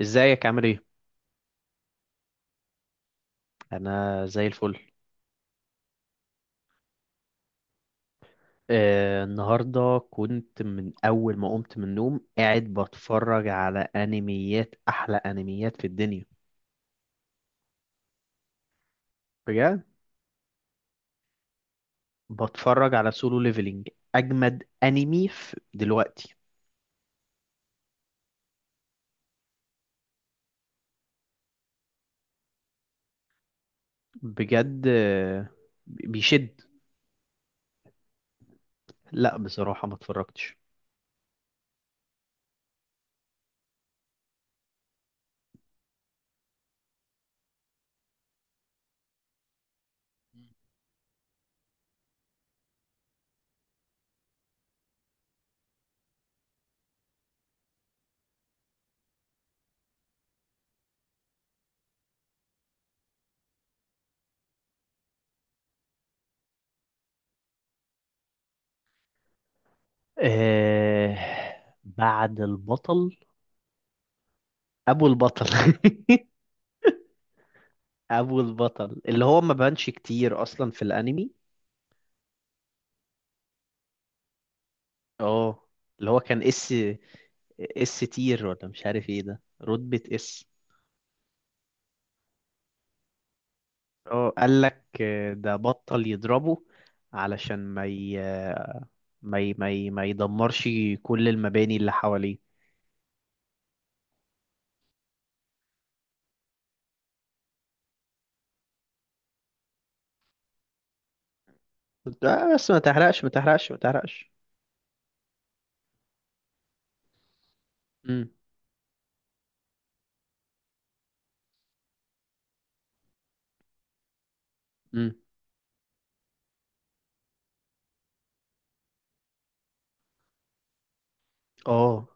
ازيك عامل ايه؟ انا زي الفل. النهارده كنت من اول ما قمت من النوم قاعد بتفرج على انميات، احلى انميات في الدنيا. بجد. بتفرج على سولو ليفلينج. اجمد انمي في دلوقتي. بجد. بيشد. لا، بصراحه ما اتفرجتش. آه، بعد البطل. ابو البطل ابو البطل اللي هو ما بانش كتير اصلا في الانمي. اه، اللي هو كان اس. اس تير، ولا مش عارف ايه، ده رتبة اس. اه، قال لك ده بطل يضربه علشان ما يدمرش كل المباني اللي حواليه. قلت آه بس ما تحرقش، ما تحرقش، ما تحرقش. امم. امم. اه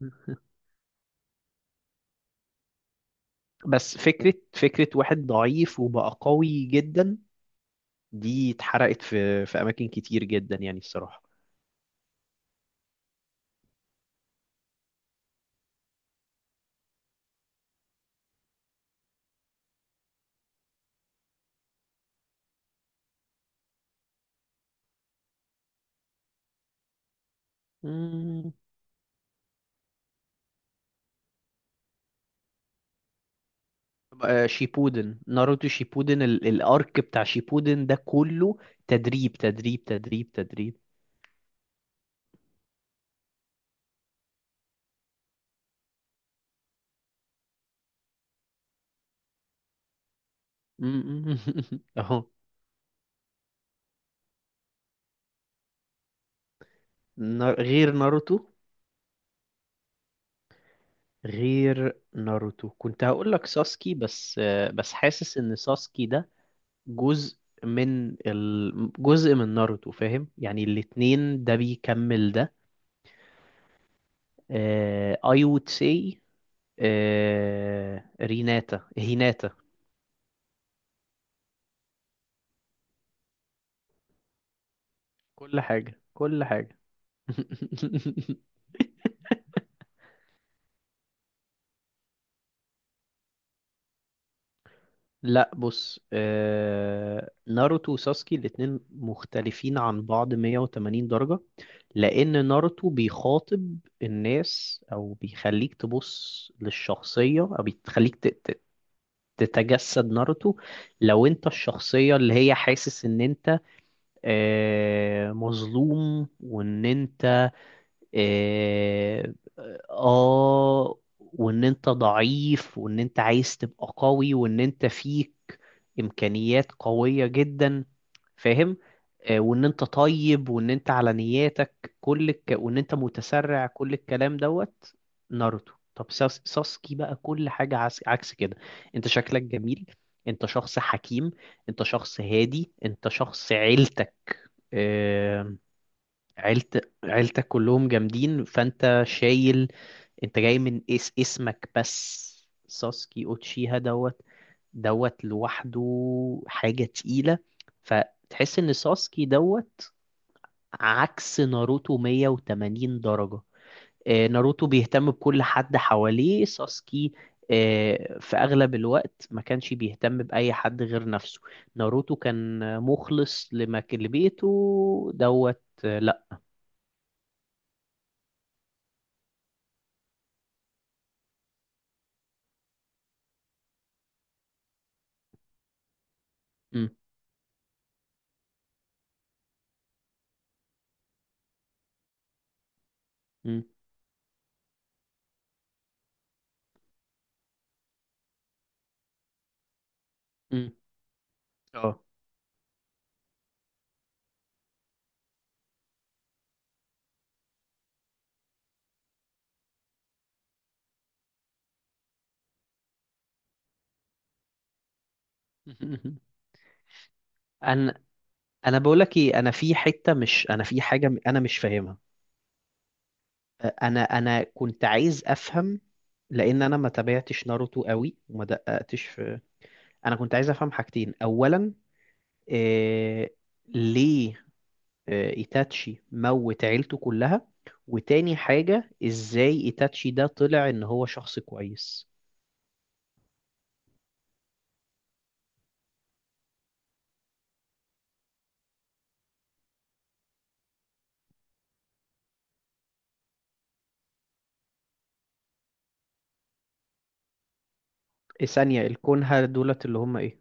بس فكرة واحد ضعيف وبقى قوي جدا، دي اتحرقت في أماكن كتير جدا يعني الصراحة. مم. شيبودن. ناروتو شيبودن، الارك بتاع شيبودن ده كله تدريب تدريب تدريب تدريب. م- م- اهو. غير ناروتو. غير ناروتو كنت هقول لك ساسكي، بس بس حاسس ان ساسكي ده جزء جزء من ناروتو، فاهم؟ يعني الاتنين، ده بيكمل ده. I would say هيناتا. كل حاجة كل حاجة لا بص، ناروتو وساسكي الاتنين مختلفين عن بعض 180 درجة، لأن ناروتو بيخاطب الناس، أو بيخليك تبص للشخصية، أو بيخليك تتجسد ناروتو، لو أنت الشخصية اللي هي حاسس إن أنت مظلوم، وإن أنت إيه، اه وان انت ضعيف، وان انت عايز تبقى قوي، وان انت فيك امكانيات قوية جدا، فاهم؟ وان انت طيب، وان انت على نياتك، وان انت متسرع، كل الكلام دوت. ناروتو. طب ساسكي بقى كل حاجة عكس كده. انت شكلك جميل، انت شخص حكيم، انت شخص هادي، انت شخص عيلتك. آه، عيلتك كلهم جامدين، فانت شايل. انت جاي من اسمك بس. ساسكي اوتشيها دوت. دوت لوحده. حاجة تقيلة. فتحس ان ساسكي دوت عكس ناروتو 180 درجة. ناروتو بيهتم بكل حد حواليه. ساسكي في اغلب الوقت ما كانش بيهتم باي حد غير نفسه. ناروتو كان مخلص لبيته دوت. لا. م- م- م. اه انا انا بقول لك ايه، انا في حته، مش، انا في حاجه، انا مش فاهمها. انا كنت عايز افهم، لان انا ما تابعتش ناروتو قوي، وما دققتش في. انا كنت عايز افهم حاجتين. اولا، إيه... ليه ايتاتشي موت عيلته كلها؟ وتاني حاجه، ازاي ايتاتشي ده طلع ان هو شخص كويس؟ إيه ثانيه، الكونها دولت اللي هم ايه؟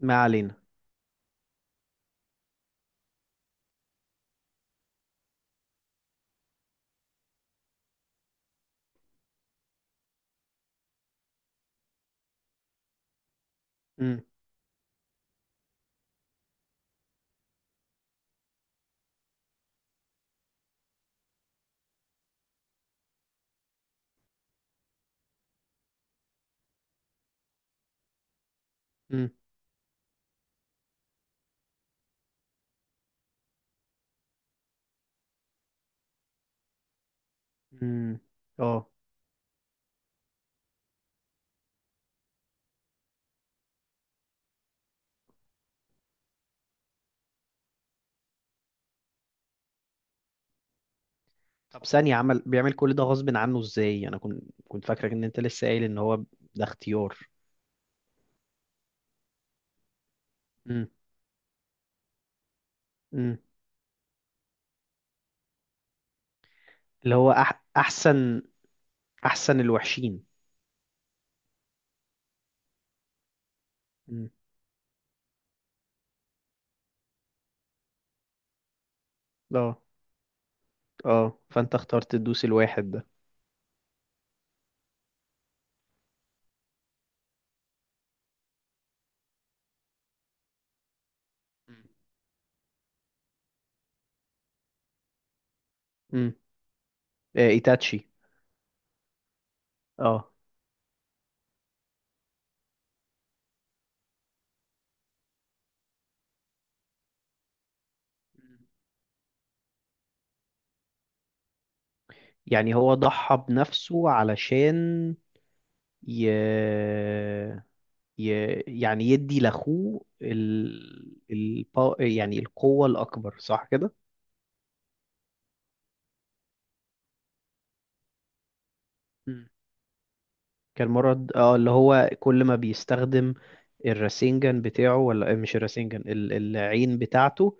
ما علينا. امم. امم. امم. اه. طب ثانية، بيعمل كل ده غصب عنه ازاي؟ انا كنت فاكرك ان انت لسه قايل ان هو ده اختيار. امم. امم. اللي هو احسن، احسن الوحشين. امم. اه. اه، فانت اخترت تدوس الواحد ده. مم. امم. آه ايتاتشي. اه، يعني هو ضحى بنفسه علشان ي... ي... يعني يدي لاخوه يعني القوة الاكبر، صح كده؟ كان مرض. اه، اللي هو كل ما بيستخدم الراسينجان بتاعه، ولا مش الراسينجان، العين بتاعته.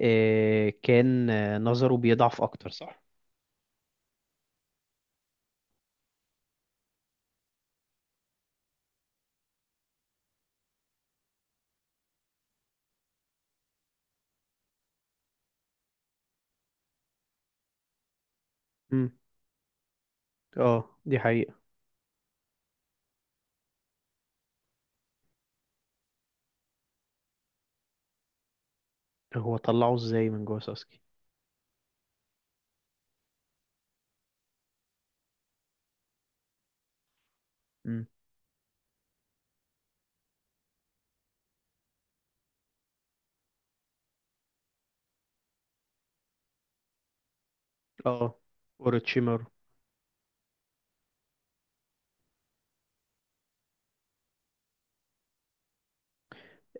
كان نظره بيضعف اكتر، صح؟ امم. اه، دي حقيقة. هو طلعه ازاي من جوه ساسكي؟ امم. اه. اوروتشيمارو.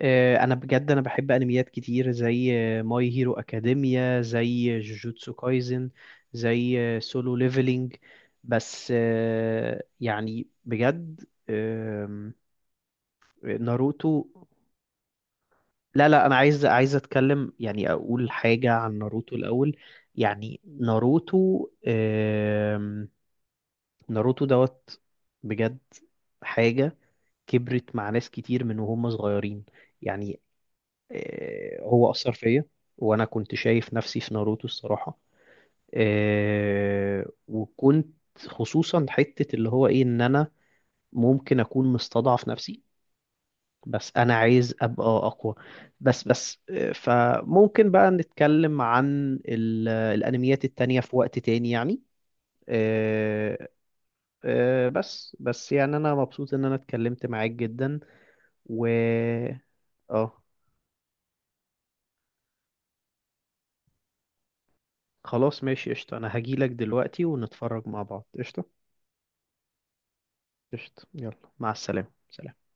انا بجد انا بحب انميات كتير، زي ماي هيرو اكاديميا، زي جوجوتسو كايزن، زي سولو ليفلينج، بس يعني بجد. آم، ناروتو. لا لا، انا عايز، اتكلم، يعني اقول حاجة عن ناروتو الاول. يعني ناروتو ناروتو دوت. بجد حاجة. كبرت مع ناس كتير من وهم صغيرين. يعني هو اثر فيا، وانا كنت شايف نفسي في ناروتو الصراحة. وكنت خصوصا حتة اللي هو ايه، ان انا ممكن اكون مستضعف نفسي، بس انا عايز ابقى اقوى. بس فممكن بقى نتكلم عن الانميات التانية في وقت تاني يعني. آه، بس يعني انا مبسوط ان انا اتكلمت معاك جدا. و اه، خلاص ماشي قشطة، انا هجيلك دلوقتي ونتفرج مع بعض. قشطة. قشطة، يلا، مع السلامة، سلام.